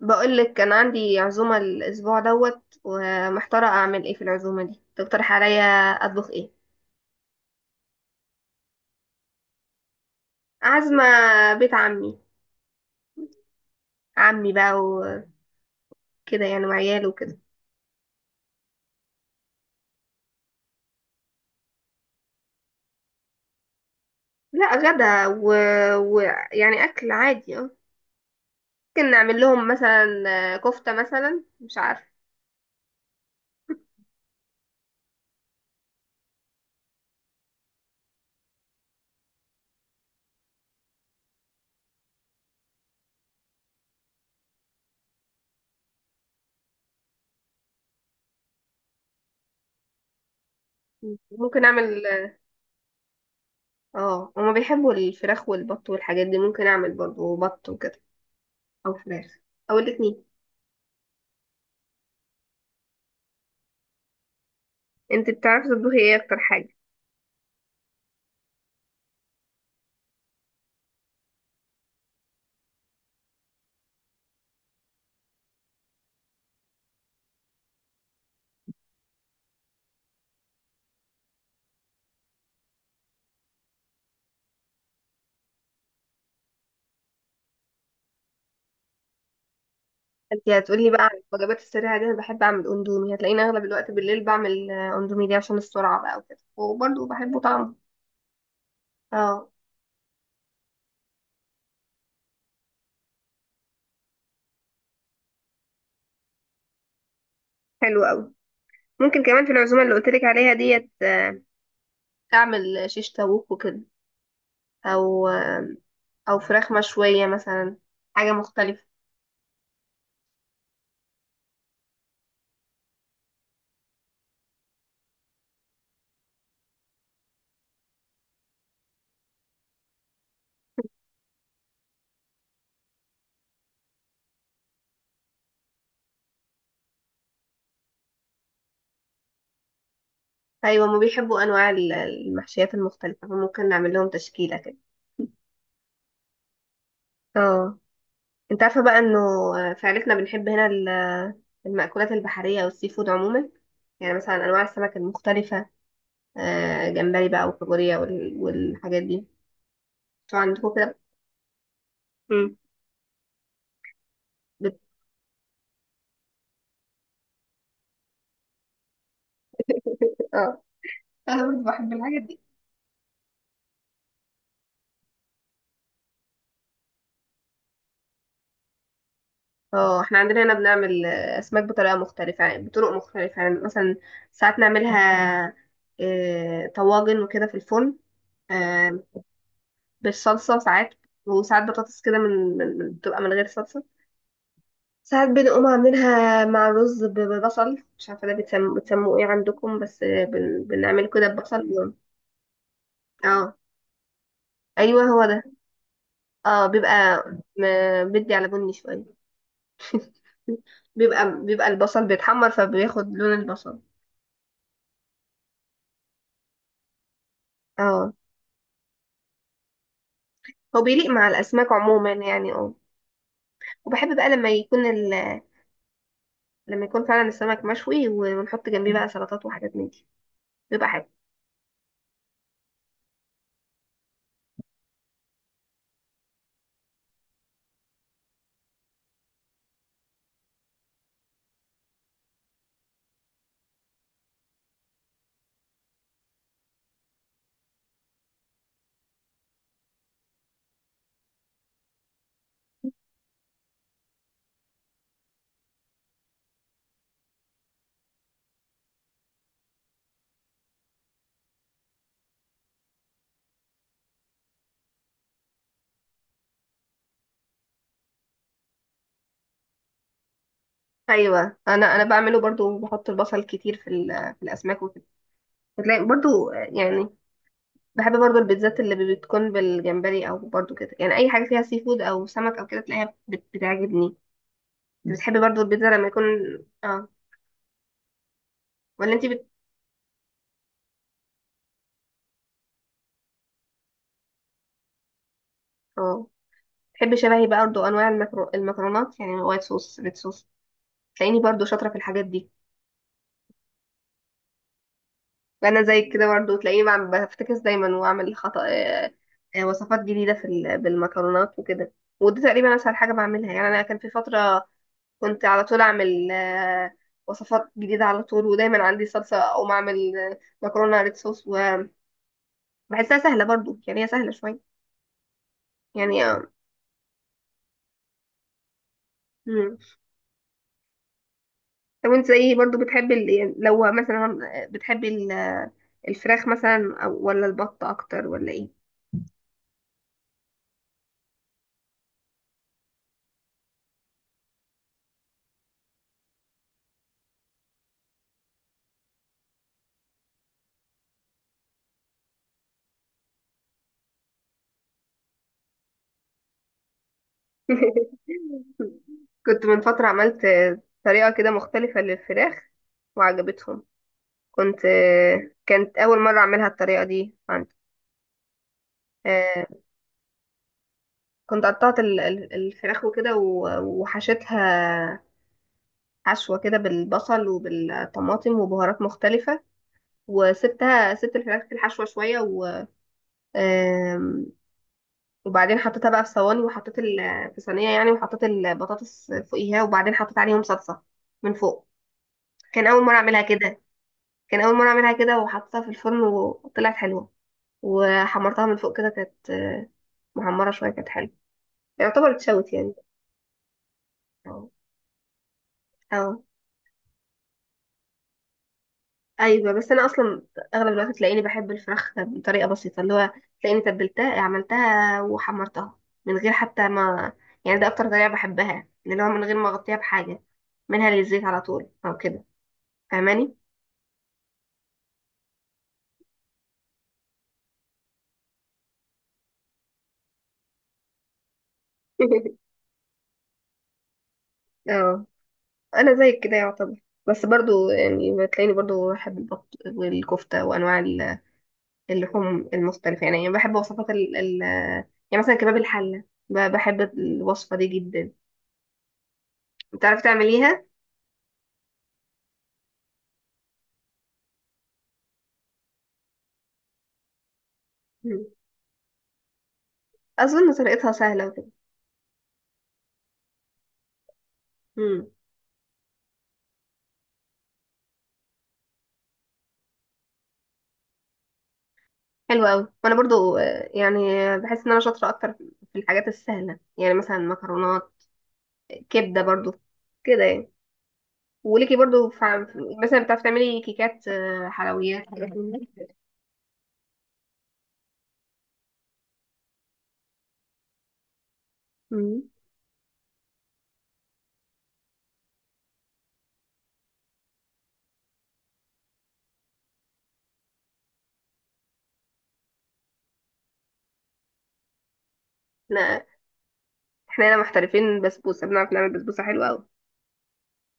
بقول لك كان عندي عزومة الأسبوع دوت، ومحتارة أعمل إيه في العزومة دي. تقترح عليا أطبخ إيه؟ عازمة بيت عمي. عمي بقى وكده، يعني وعياله وكده. لا، غدا ويعني ويعني أكل عادي ممكن نعمل لهم مثلا كفتة مثلا، مش عارفة. ممكن أعمل. اه هما بيحبوا الفراخ والبط والحاجات دي، ممكن أعمل برضه بط وكده، أو فراخ أو الاتنين. انت بتعرفي تطبخي ايه اكتر حاجة؟ انت هتقولي بقى عن الوجبات السريعه دي، انا بحب اعمل اندومي، هتلاقيني اغلب الوقت بالليل بعمل اندومي دي عشان السرعه بقى وكده، وبرضه بحبه طعمه. اه حلو قوي. ممكن كمان في العزومه اللي قلت لك عليها ديت اعمل شيش طاووق وكده، او او فراخ مشويه مثلا، حاجه مختلفه. ايوه هما بيحبوا انواع المحشيات المختلفه، فممكن نعمل لهم تشكيله كده. اه انت عارفه بقى انه في عيلتنا بنحب هنا المأكولات البحريه والسي فود عموما، يعني مثلا انواع السمك المختلفه، جمبري بقى وكابوريا والحاجات دي. انتوا عندكم كده؟ مم. بت... اه انا برضه بحب الحاجات دي. اه احنا عندنا هنا بنعمل اسماك بطريقه مختلفه، يعني بطرق مختلفه، يعني مثلا ساعات نعملها طواجن وكده في الفرن، آه، بالصلصه ساعات، وساعات بطاطس كده بتبقى من غير صلصه. ساعات بنقوم عاملينها مع رز ببصل، مش عارفه ده بتسموه ايه عندكم، بس بنعمل كده ببصل اه ايوه هو ده. اه بيبقى بدي على بني شوية. بيبقى البصل بيتحمر، فبياخد لون البصل. اه هو بيليق مع الأسماك عموما يعني وبحب بقى لما يكون لما يكون فعلا السمك مشوي، ونحط جنبيه بقى سلطات وحاجات من دي، بيبقى حلو. ايوه انا بعمله برضو، بحط البصل كتير في في الاسماك وكده. بتلاقي برضو يعني بحب برضو البيتزات اللي بتكون بالجمبري، او برضو كده، يعني اي حاجه فيها سي فود او سمك او كده، تلاقيها بتعجبني. بتحب برضو البيتزا لما يكون اه ولا انت اه بتحبي شبهي بقى برضه انواع المكرونات، يعني وايت صوص ريد صوص، تلاقيني برضه شاطره في الحاجات دي. وانا زيك كده برضه، تلاقيني بعمل بفتكس دايما، واعمل خطأ وصفات جديده في بالمكرونات وكده. ودي تقريبا اسهل حاجه بعملها، يعني انا كان في فتره كنت على طول اعمل وصفات جديده على طول، ودايما عندي صلصه او اعمل مكرونه ريد صوص، وبحسها سهله برضه، يعني هي سهله شويه. يعني مم. طب انت ايه برضو بتحبي يعني لو مثلا بتحبي الفراخ مثلا، ولا البط اكتر ولا ايه؟ كنت من فترة عملت طريقة كده مختلفة للفراخ، وعجبتهم، كنت كانت اول مرة اعملها الطريقة دي عندي. آه، كنت قطعت الفراخ وكده وحشيتها حشوة كده بالبصل وبالطماطم وبهارات مختلفة، وسبتها، سبت الفراخ في الحشوة شوية وبعدين حطيتها بقى في صواني، وحطيت في صينيه يعني، وحطيت البطاطس فوقيها، وبعدين حطيت عليهم صلصه من فوق. كان اول مره اعملها كده كان اول مره اعملها كده، وحطيتها في الفرن وطلعت حلوه، وحمرتها من فوق كده، كانت محمره شويه، كانت حلوه. يعتبر اتشوت يعني. اه اه ايوه، بس انا اصلا اغلب الوقت تلاقيني بحب الفراخ بطريقه بسيطه، اللي هو تلاقيني تبلتها عملتها وحمرتها من غير حتى ما، يعني ده اكتر طريقه بحبها، اللي هو من غير ما اغطيها بحاجه، منها للزيت على طول او كده. فاهماني؟ اه انا زيك كده يعتبر. بس برضو يعني بتلاقيني برضو بحب البط والكفتة وانواع اللحوم المختلفة، يعني بحب وصفات ال يعني مثلا كباب الحلة، بحب الوصفة دي جدا. بتعرفي تعمليها؟ مم. اظن طريقتها سهلة وكده. مم. حلوة اوي، وانا برضو يعني بحس ان انا شاطرة اكتر في الحاجات السهلة، يعني مثلا مكرونات، كبدة برضو، كده يعني. وليكي برضو في- مثلا بتعرفي تعملي كيكات حلويات حاجات؟ مم. احنا احنا هنا محترفين بسبوسه، بنعرف نعمل بسبوسه حلوه قوي،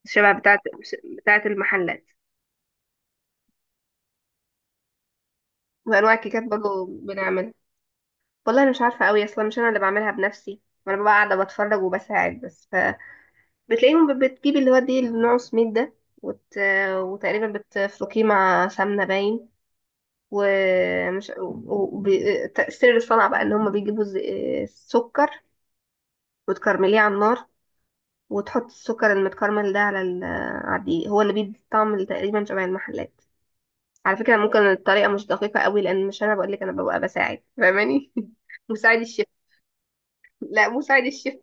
الشبه بتاعه المحلات، وانواع الكيكات برضه بنعمل. والله انا مش عارفه قوي، اصلا مش انا اللي بعملها بنفسي، انا ببقى قاعده بتفرج وبساعد بس. فبتلاقيهم بتجيب اللي هو دي النوع سميد ده، وت... وتقريبا بتفركيه مع سمنه باين، ومش تأثير الصنعة بقى ان هم بيجيبوا سكر وتكرمليه على النار، وتحط السكر المتكرمل ده على على الدقيق، هو اللي بيدي طعم تقريبا شبه المحلات. على فكرة ممكن الطريقة مش دقيقة قوي، لأن مش أنا بقولك، أنا ببقى بساعد. فاهماني؟ مساعد الشيف. لا، مساعد الشيف.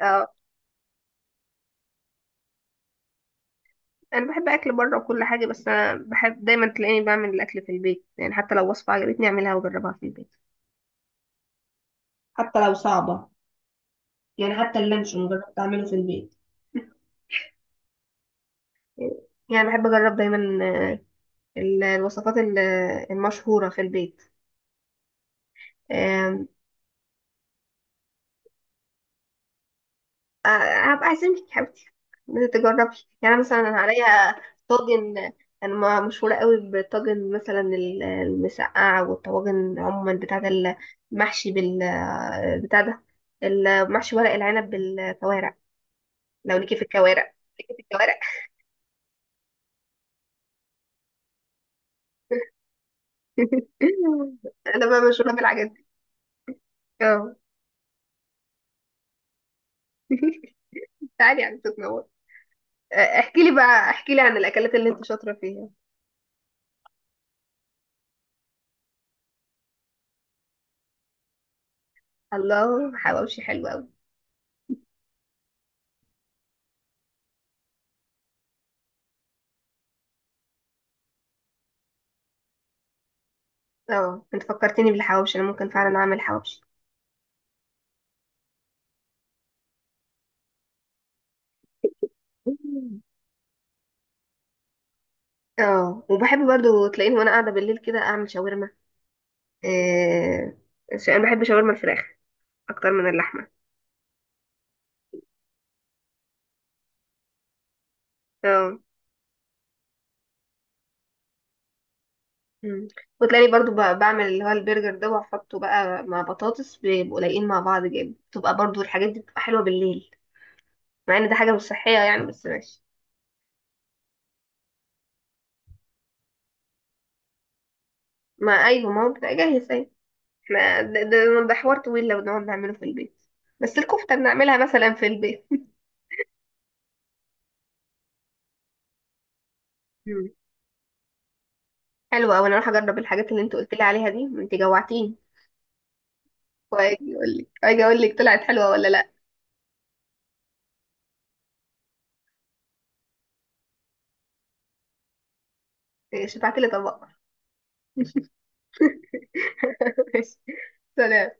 اه أنا بحب أكل بره وكل حاجة، بس أنا بحب دايما تلاقيني بعمل الأكل في البيت، يعني حتى لو وصفة عجبتني أعملها وأجربها في البيت، حتى لو صعبة، يعني حتى اللانشون جربت أعمله في البيت. يعني بحب أجرب دايما آه، الوصفات المشهورة في البيت. آم، آه، هبقى اعزمك يا حبيبتي تجربي، يعني مثلا انا عليا طاجن، انا مشهوره قوي بالطاجن، مثلا المسقعه والطواجن عموما، بتاعه المحشي بتاع ده، المحشي ورق العنب بالكوارع. لو ليكي في الكوارع، ليكي في الكوارع. انا بقى مشهوره بالحاجات دي. اه تعالي يعني تتنور. احكي لي عن الاكلات اللي انت شاطره فيها. الله، حواوشي حلو قوي. اه انت فكرتني بالحواوشي، انا ممكن فعلا اعمل حواوشي. اه وبحب برضو تلاقيني وانا قاعده بالليل كده اعمل شاورما. آه انا بحب شاورما الفراخ اكتر من اللحمه. اه مم. وتلاقيني برضو بعمل اللي هو البرجر ده، واحطه بقى مع بطاطس، بيبقوا لايقين مع بعض جامد، بتبقى برضو الحاجات دي بتبقى حلوه بالليل، مع ان ده حاجه مش صحيه يعني، بس ماشي. ما ايوه، ما هو بتبقى جاهز اهي، احنا ده حوار طويل لو نقعد نعمله في البيت. بس الكفته بنعملها مثلا في البيت. مم. حلوه اوي، انا اروح اجرب الحاجات اللي انت قلت لي عليها دي، انت جوعتيني. واجي اقول لك، واجي اقول لك طلعت حلوه ولا لا. إيه، شفعت لي طبق. ماشي. سلام.